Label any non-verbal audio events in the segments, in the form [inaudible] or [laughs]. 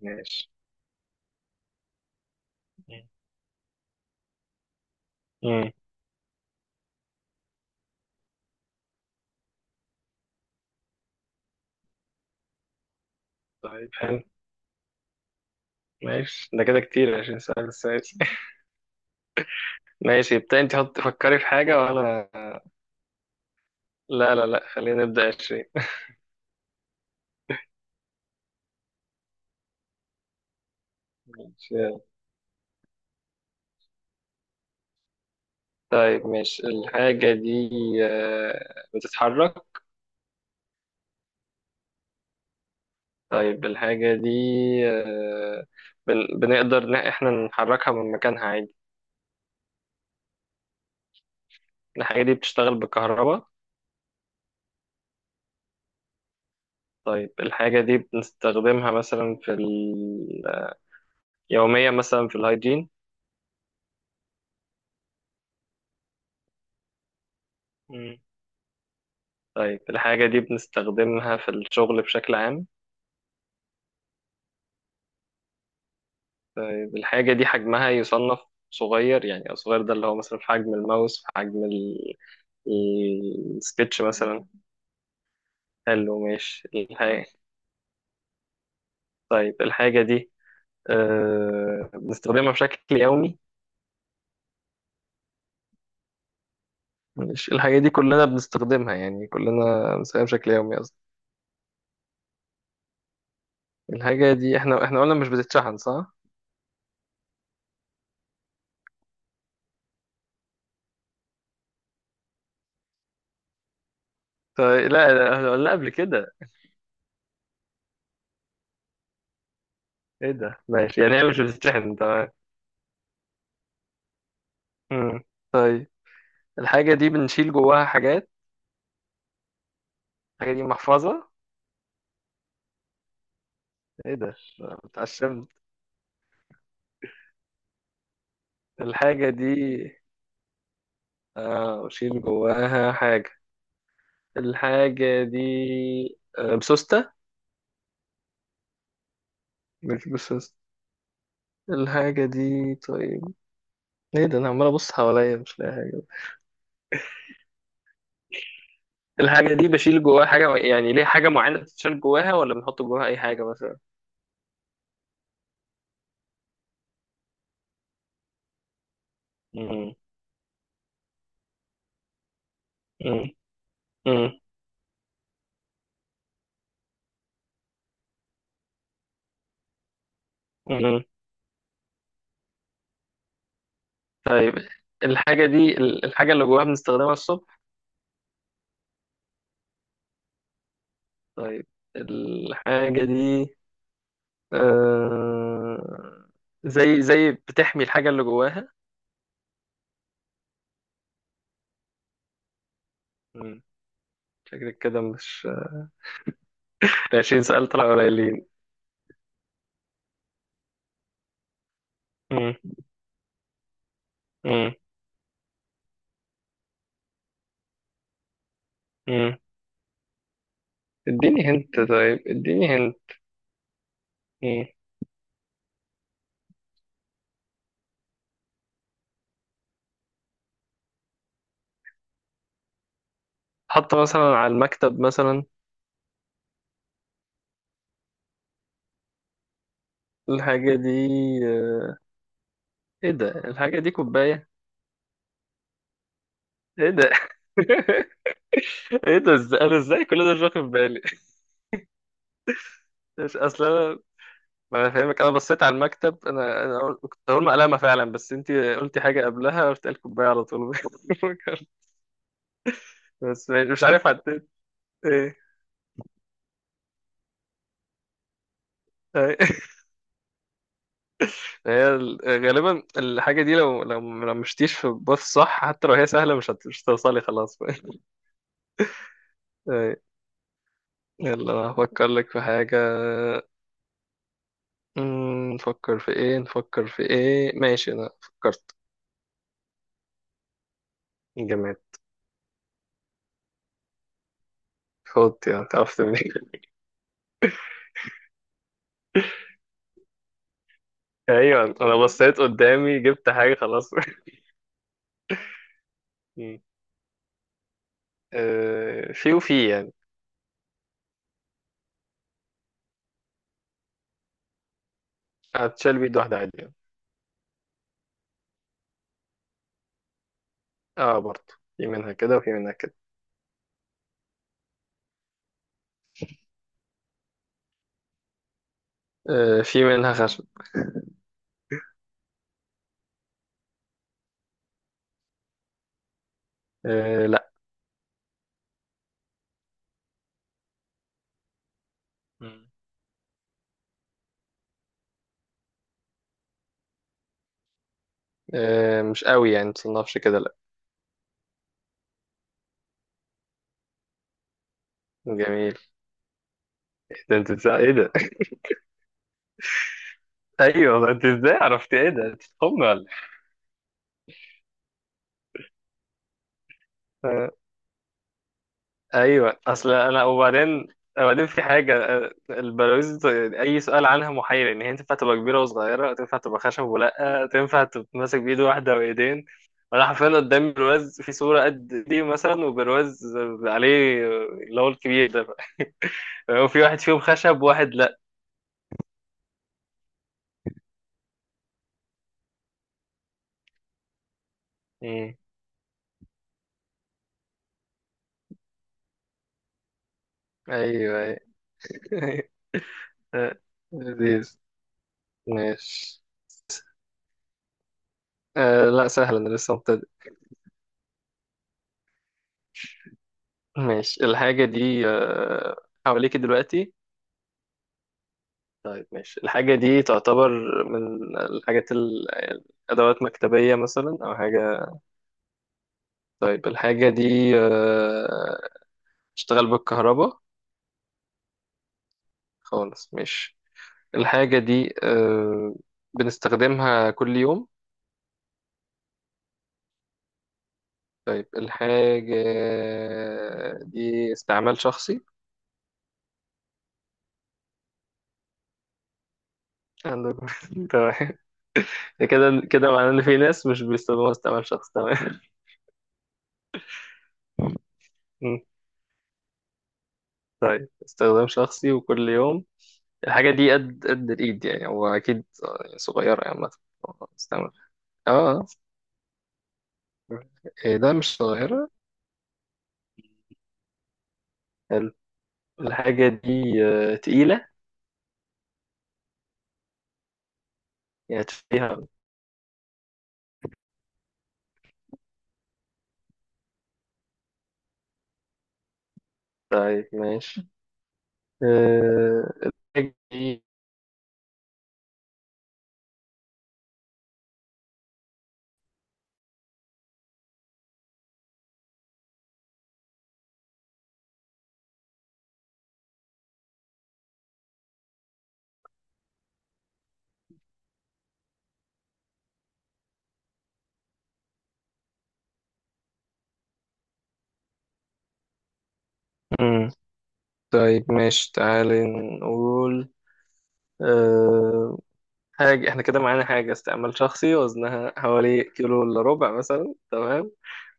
ماشي. مم. مم. طيب، حلو. ماشي، ده كده كتير عشان سؤال السادس. ماشي. [laughs] ابتدي انت، حط فكري في حاجة، وانا لا، لا، لا، خلينا نبدأ 20. ماشي. يلا. طيب ماشي، الحاجة دي بتتحرك؟ طيب الحاجة دي آه، بنقدر إن احنا نحركها من مكانها عادي؟ الحاجة دي بتشتغل بالكهرباء؟ طيب الحاجة دي بنستخدمها مثلا يوميا مثلا في الهايجين؟ مم. طيب الحاجة دي بنستخدمها في الشغل بشكل عام؟ طيب الحاجة دي حجمها يصنف صغير، يعني الصغير ده اللي هو مثلا في حجم الماوس، في حجم السكتش مثلا. حلو، ماشي الحاجة. طيب الحاجة دي بنستخدمها بشكل يومي؟ مش الحاجة دي كلنا بنستخدمها، يعني كلنا بنستخدمها بشكل يومي قصدي. الحاجة دي احنا قلنا مش بتتشحن، صح؟ طيب، لا، لا، احنا قلنا قبل كده. ايه ده، ماشي يعني هي مش بتتشحن، طيب. مم. طيب الحاجة دي بنشيل جواها حاجات. الحاجة دي محفظة؟ ايه ده، اتعشمت. الحاجة دي أشيل جواها حاجة. الحاجة دي بسوستة؟ مش بسوستة. الحاجة دي طيب، ايه ده، انا عمال ابص حواليا مش لاقي حاجة. الحاجة دي بشيل جواها حاجة يعني، ليه حاجة معينة بتشيل جواها، ولا بنحط جواها أي حاجة مثلا؟ مم. مم. مم. مم. طيب الحاجة دي، الحاجة اللي جواها بنستخدمها الصبح؟ طيب الحاجة دي آه، زي بتحمي الحاجة اللي جواها؟ مم. شكلك كده مش، احنا 20 سؤال طلع قليلين. مم. مم. مم. اديني هنت، طيب اديني هنت. مم. حط مثلا على المكتب مثلا. الحاجة دي آه، ايه ده، الحاجة دي كوباية؟ ايه ده. [laughs] ايه ده، ازاي انا، ازاي كل ده مش واخد بالي؟ مش، اصل انا، ما انا فاهمك، انا بصيت على المكتب، انا قلت- كنت هقول مقلمة فعلا، بس انت قلتي حاجة قبلها، قلت قال كوباية على طول. [laughs] بس مش عارف حطيت ايه. أي. [laughs] هي ال- غالبا الحاجة دي لو مشتيش في الباص صح، حتى لو هي سهلة مش هتوصلي خلاص. [laughs] أي. يلا هفكر لك في حاجة. نفكر في ايه، نفكر في ايه، ماشي انا فكرت. جماد. خد، يعني تعرفت منين؟ [laughs] ايوه انا بصيت قدامي جبت حاجة خلاص. [laughs] أمم. في وفي يعني. هتشال بيد واحدة عادي يعني. اه، برضه في منها كده وفي منها كده. في منها خشب. آه، لا. مش قوي يعني متصنفش كده، لا. جميل، ده انت ازاي، ايه ده. [laughs] ايوه، ما انت ازاي عرفت؟ ايه ده، انت تخم ولا إيه؟ آه، ايوه، اصل انا، وبعدين في حاجه البلاويز، اي سؤال عنها محير، ان هي تنفع تبقى كبيره وصغيره، تنفع تبقى خشب، ولا تنفع تتمسك بايد واحده وايدين. وانا حرفيا قدام برواز في صوره قد دي مثلا، وبرواز عليه اللي هو الكبير ده، وفي واحد فيهم خشب وواحد لا. مم. ايوه. ايوه. [laughs] لذيذ، ماشي. لا سهل، انا لسه مبتدئ. ماشي الحاجة دي حواليك دلوقتي؟ طيب ماشي، الحاجة دي تعتبر من الحاجات الأدوات مكتبية مثلا أو حاجة؟ طيب الحاجة دي بتشتغل بالكهرباء؟ خالص، ماشي. الحاجة دي بنستخدمها كل يوم؟ طيب الحاجة دي استعمال شخصي؟ عندك. [laughs] تمام. كده كده معناه ان في ناس مش بيستخدموها استعمال شخص، تمام. [laughs] مم. طيب، استخدام شخصي وكل يوم. الحاجة دي قد الإيد، يعني هو أكيد صغيرة يعني، عامة استعمل. اه. آه. إيه ده، مش صغيرة؟ حلو. الحاجة دي تقيلة؟ يعني تشيلها. طيب ماشي، آه، الحاجة دي. مم. طيب، ماشي، تعالي نقول أه... حاجة، احنا كده معانا حاجة استعمال شخصي، وزنها حوالي كيلو إلا ربع مثلا، تمام.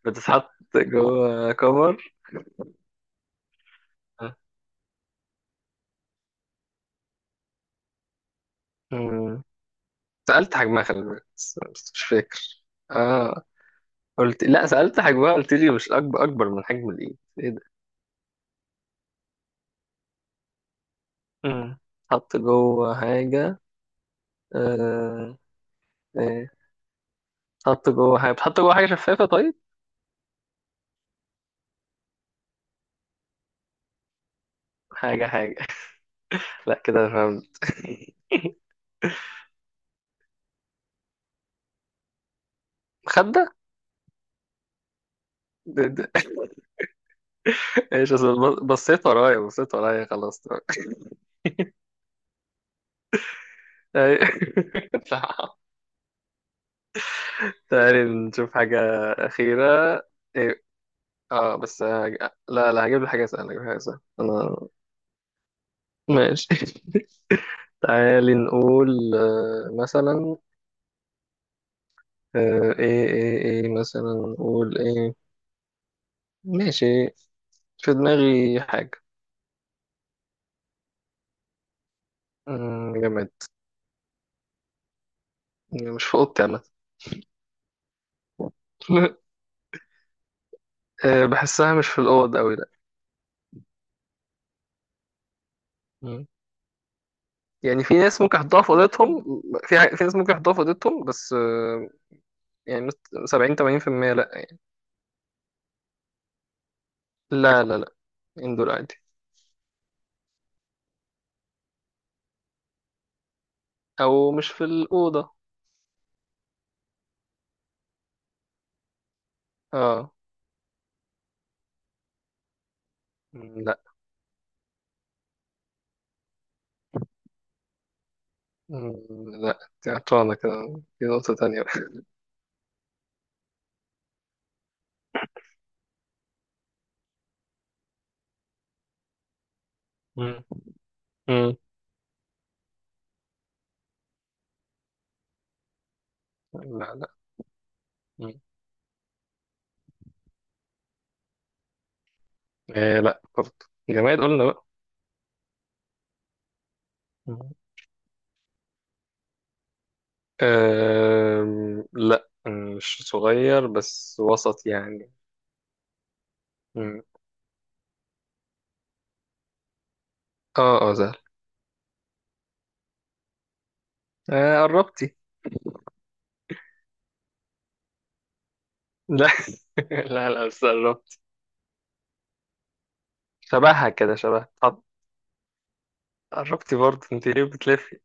بتتحط جوه كفر. مم. سألت حجمها، خلي بالك، بس مش فاكر. اه، قلت لا، سألت حجمها، قلت لي مش أكبر، أكبر من حجم الإيد. إيه ده. مم. حط جوه حاجة. آه إيه، حط جوه حاجة، بتحط جوه حاجة شفافة، طيب. حاجة، حاجة. [laughs] لا كده أنا فهمت. [laughs] مخدة. ده- ده- ايش، أصل بصيت ورايا، بصيت ورايا خلاص. [laughs] تمام. أي- [laughs] تعال نشوف حاجة أخيرة. إيه، اه بس لا، لا، هجيب لك حاجة سهلة، هجيب لك حاجة سهلة انا. ماشي. [laughs] تعالي نقول مثلا، ايه، ايه، ايه، مثلا نقول ايه. ماشي، في دماغي حاجة. آه، جماد. مش في اوضتي عامة. [laughs] بحسها مش في الأوض أوي، لأ. مم. يعني في ناس ممكن يحطوها في أوضتهم، في في ناس ممكن يحطوها في أوضتهم بس يعني 70-80%، لأ. لا، لا، لأ. إندور عادي. أو مش في الأوضة. اه. لا. مم. لا انت عطلانة كده، في نقطة تانية بقى. مم. مم. لا، لا. مم. إيه، لا برضه، جماد قلنا بقى. مم. لا. مش صغير، بس وسط يعني. مم. اه، اه سهل. آه، قربتي. لا. [laughs] لا، لا، بس قربتي. شبهها كده، شبه. طب، قربتي برضه، انت ليه بتلفي؟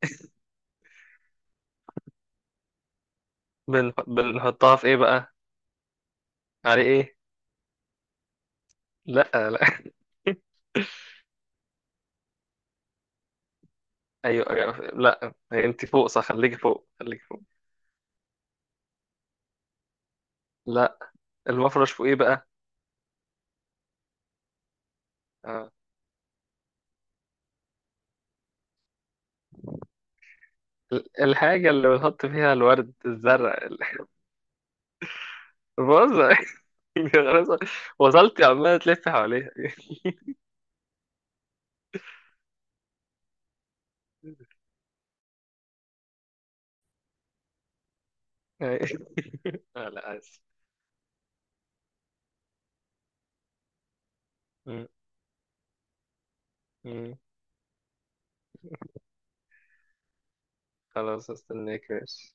بنحطها في ايه بقى؟ على ايه؟ لا، لا. [laughs] ايوه، أيوة. لا انت فوق، صح، خليكي فوق، خليكي فوق. لا، المفرش فوق ايه بقى؟ آه. الحاجة اللي بنحط فيها الورد، الزرع. [laughs] بص. [laughs] خلاص، وصلت، عمالة تلف حواليها. [laughs] آه، لا، عايز. م- م. خلاص، استناك، ماشي.